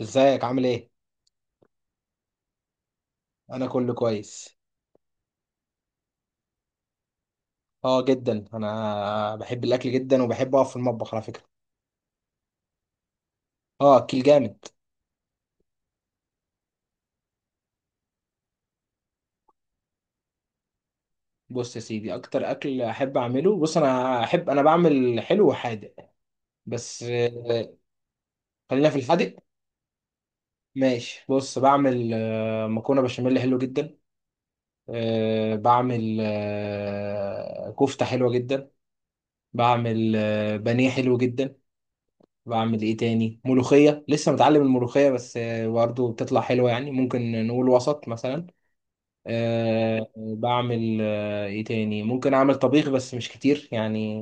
ازيك عامل ايه؟ انا كله كويس. اه جدا، انا بحب الاكل جدا وبحب اقف في المطبخ على فكره. اه، اكل جامد. بص يا سيدي، اكتر اكل احب اعمله، بص، انا بعمل حلو وحادق بس خلينا في الحادق. ماشي، بص بعمل مكرونه بشاميل حلو جدا. بعمل كفته حلوه جدا. بعمل بانيه حلو جدا. بعمل ايه تاني؟ ملوخيه، لسه متعلم الملوخيه بس برضه بتطلع حلوه، يعني ممكن نقول وسط مثلا. بعمل ايه تاني؟ ممكن اعمل طبيخ بس مش كتير يعني.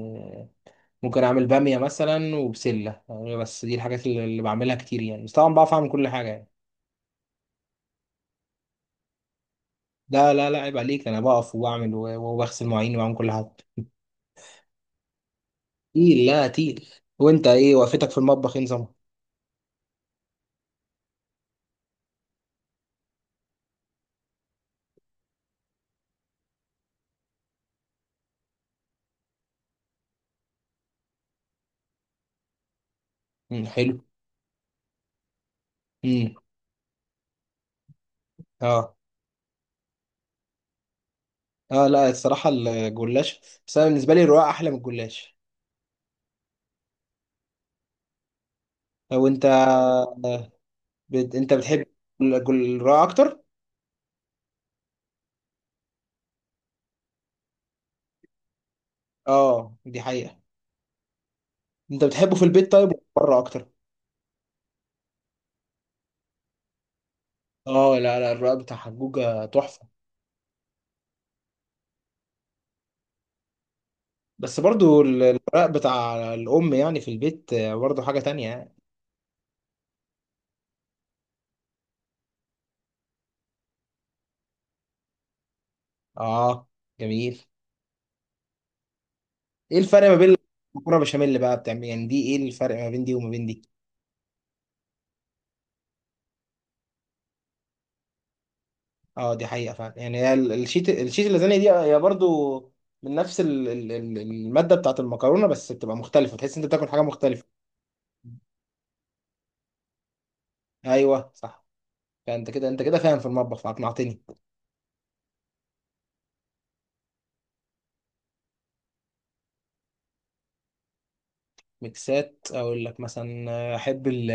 ممكن اعمل بامية مثلا وبسلة بس دي الحاجات اللي بعملها كتير يعني، بس طبعا بعرف اعمل كل حاجة يعني. لا لا لا، عيب عليك، انا بقف وبعمل وبغسل مواعين وبعمل كل حاجة. تقيل، لا، تقيل. وانت ايه وقفتك في المطبخ؟ ايه نظامها؟ مم، حلو. امم. اه. اه لا، الصراحة الجلاش، بس انا بالنسبة لي الرقاق احلى من الجلاش. لو انت آه، انت بتحب الرقاق اكتر؟ اه دي حقيقة. انت بتحبه في البيت طيب ولا بره اكتر؟ اه لا لا، الرق بتاع حجوجة تحفة. بس برضو الرق بتاع الام يعني في البيت برضو حاجة تانية يعني. اه جميل. ايه الفرق ما بين المكرونة بشاميل بقى بتعمل يعني؟ دي ايه الفرق ما بين دي وما بين دي؟ اه دي حقيقة فعلا. يعني هي الشيت اللازانيا دي هي برضو من نفس المادة بتاعت المكرونة، بس بتبقى مختلفة، تحس انت بتاكل حاجة مختلفة. ايوه صح. فانت كده فاهم في المطبخ، فاقنعتني. ميكسات، اقول لك مثلا احب ال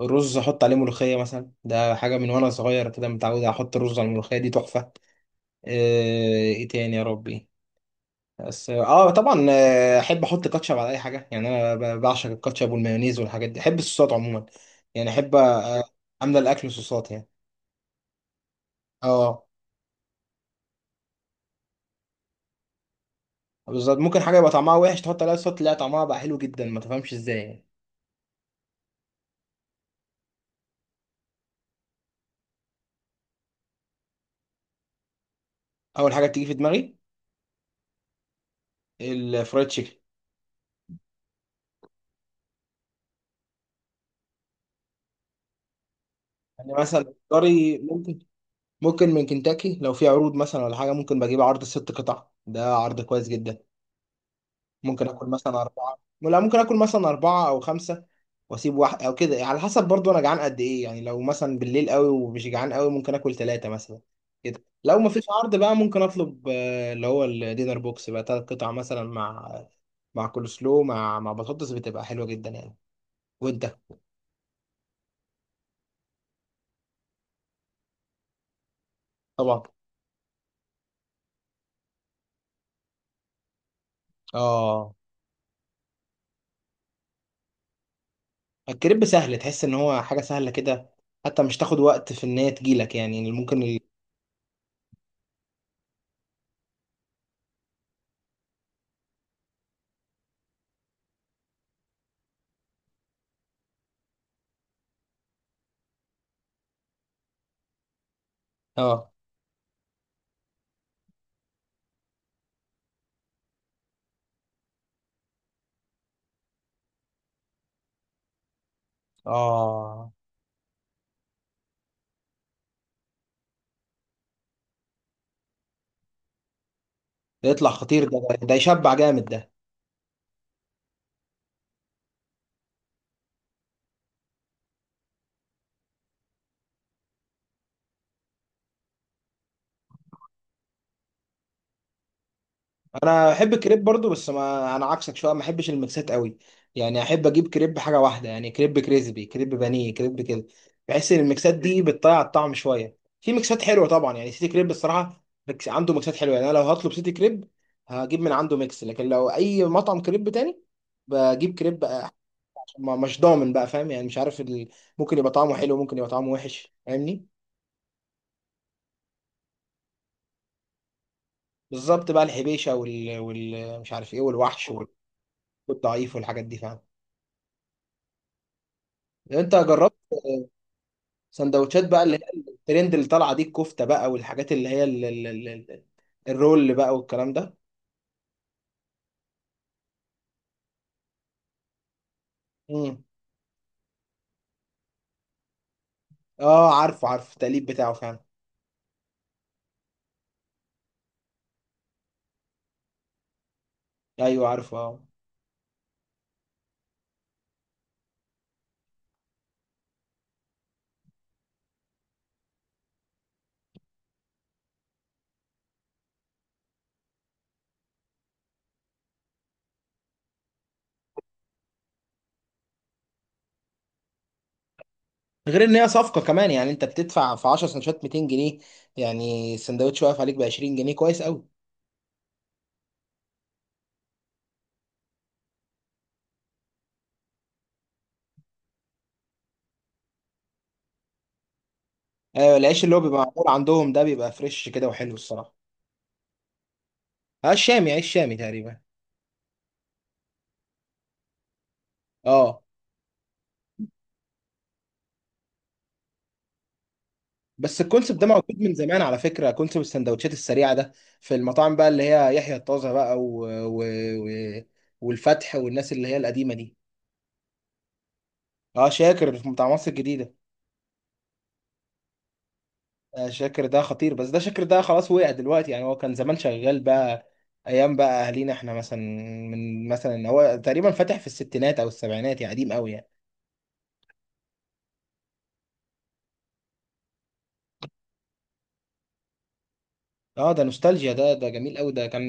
رز، احط عليه ملوخيه مثلا، ده حاجه من وانا صغير كده، متعود احط الرز على الملوخيه، دي تحفه. آه، ايه تاني يا ربي؟ بس اه، طبعا احب احط كاتشب على اي حاجه يعني، انا بعشق الكاتشب والمايونيز والحاجات دي، احب الصوصات عموما. يعني احب املى الاكل صوصات يعني. اه بالظبط، ممكن حاجه يبقى طعمها وحش، تحط عليها صوص تلاقي طعمها بقى حلو جدا، ما تفهمش ازاي يعني. اول حاجه بتيجي في دماغي الفرايد تشيكن. يعني مثلا الكاري ممكن، ممكن من كنتاكي لو في عروض مثلا ولا حاجة، ممكن بجيب عرض ست قطع، ده عرض كويس جدا. ممكن آكل مثلا أربعة، لا، ممكن آكل مثلا أربعة أو خمسة وأسيب واحد أو كده، على حسب برضو أنا جعان قد إيه يعني. لو مثلا بالليل قوي ومش جعان قوي ممكن آكل ثلاثة مثلا. كده لو ما فيش عرض بقى ممكن أطلب اللي هو الدينر بوكس بقى، تلات قطع مثلا، مع كول سلو، مع بطاطس بتبقى حلوة جدا يعني. وأنت؟ طبعا آه. الكريب سهل، تحس ان هو حاجه سهله كده، حتى مش تاخد وقت في ان هي تجيلك يعني، اللي ممكن اه. اه. ده يطلع خطير ده، ده يشبع جامد ده. انا بحب الكريب برضو بس ما انا عكسك شويه، ما بحبش الميكسات قوي. يعني احب اجيب كريب حاجه واحده، يعني كريب كريسبي، كريب بانيه، كريب كده. بحس ان الميكسات دي بتضيع الطعم شويه. في ميكسات حلوه طبعا يعني، سيتي كريب الصراحه عنده ميكسات حلوه يعني. انا لو هطلب سيتي كريب هجيب من عنده ميكس، لكن لو اي مطعم كريب تاني بجيب كريب مش ضامن بقى، فاهم يعني، مش عارف ممكن يبقى طعمه حلو، ممكن يبقى طعمه وحش، فاهمني؟ بالظبط بقى، الحبيشه مش عارف ايه، والوحش والضعيف والحاجات دي فاهم. انت جربت سندوتشات بقى اللي هي الترند اللي طالعه دي، الكفته بقى والحاجات اللي هي الرول بقى والكلام ده؟ امم. اه عارفه، عارف التقليب بتاعه فعلا. ايوه عارفه اه. غير ان هي صفقه كمان يعني، انت بتدفع في 10 سندوتشات 200 جنيه، يعني السندوتش واقف عليك ب 20 جنيه كويس قوي. ايوه، العيش اللي هو بيبقى معمول عندهم ده بيبقى فريش كده وحلو الصراحه. اه الشامي، عيش شامي تقريبا. اه بس الكونسيبت ده موجود من زمان على فكره، كونسيبت السندوتشات السريعه ده، في المطاعم بقى اللي هي يحيى الطازه بقى والفتح والناس اللي هي القديمه دي. اه شاكر، في بتاع مصر الجديده. آه شاكر ده خطير، بس ده شاكر ده خلاص وقع دلوقتي يعني، هو كان زمان شغال بقى ايام بقى اهالينا احنا مثلا. من مثلا هو تقريبا فاتح في الستينات او السبعينات، يعني قديم قوي يعني. اه ده نوستالجيا ده، ده جميل قوي ده، كان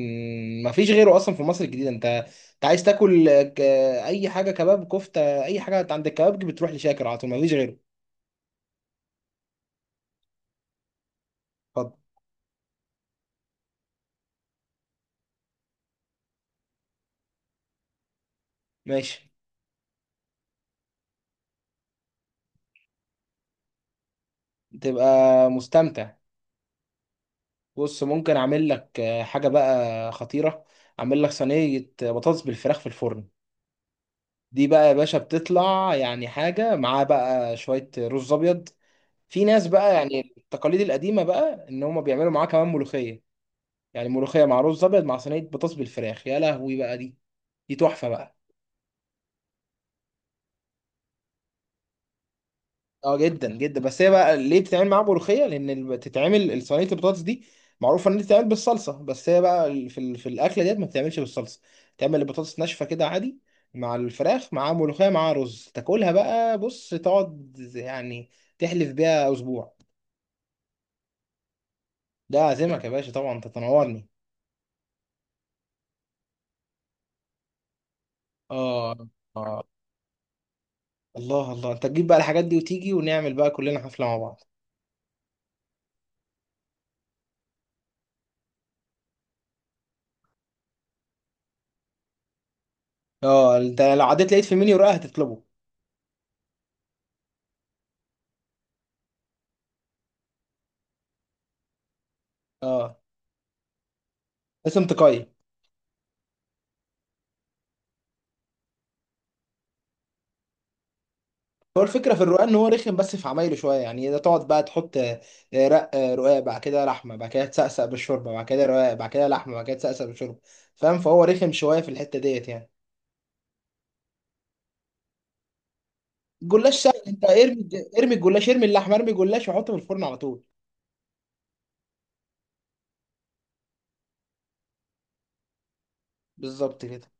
ما فيش غيره اصلا في مصر الجديده. انت انت عايز تاكل اي حاجه، كباب، كفته، اي حاجه عند الكبابجي بتروح لشاكر على طول، ما فيش غيره. اتفضل. ماشي. تبقى مستمتع. بص، ممكن اعمل لك حاجه بقى خطيره. اعمل لك صينيه بطاطس بالفراخ في الفرن. دي بقى يا باشا بتطلع يعني حاجه، معاه بقى شويه رز ابيض. في ناس بقى يعني التقاليد القديمه بقى، ان هم بيعملوا معاه كمان ملوخيه. يعني ملوخيه مع رز ابيض مع صينيه بطاطس بالفراخ، يا لهوي بقى، دي دي تحفه بقى. اه جدا جدا. بس هي بقى ليه بتتعمل معاها ملوخيه؟ لان بتتعمل صينيه البطاطس دي، معروفه ان هي بتتعمل بالصلصه، بس هي بقى في الاكله ديت ما بتتعملش بالصلصه، تعمل البطاطس ناشفه كده عادي، مع الفراخ مع ملوخيه مع رز، تاكلها بقى، بص تقعد يعني تحلف بيها اسبوع. ده عازمك يا باشا طبعا، انت تنورني. اه اه، الله الله، انت تجيب بقى الحاجات دي وتيجي ونعمل بقى كلنا حفله مع بعض. اه، انت لو عديت لقيت في منيو رقاق هتطلبه. اه، اسم تقيل. هو الفكره في الرقاق ان هو رخم بس في عمايله شويه يعني، اذا تقعد بقى تحط رق آه، رقاق بعد كده لحمه بعد كده تسقسق بالشوربه بعد كده رقاق بعد كده لحمه بعد كده تسقسق بالشوربه، فاهم؟ فهو رخم شويه في الحته ديت يعني. الجلاش سهل، انت ارمي ارمي الجلاش ارمي اللحمه ارمي الجلاش وحطه في الفرن على طول. بالظبط كده.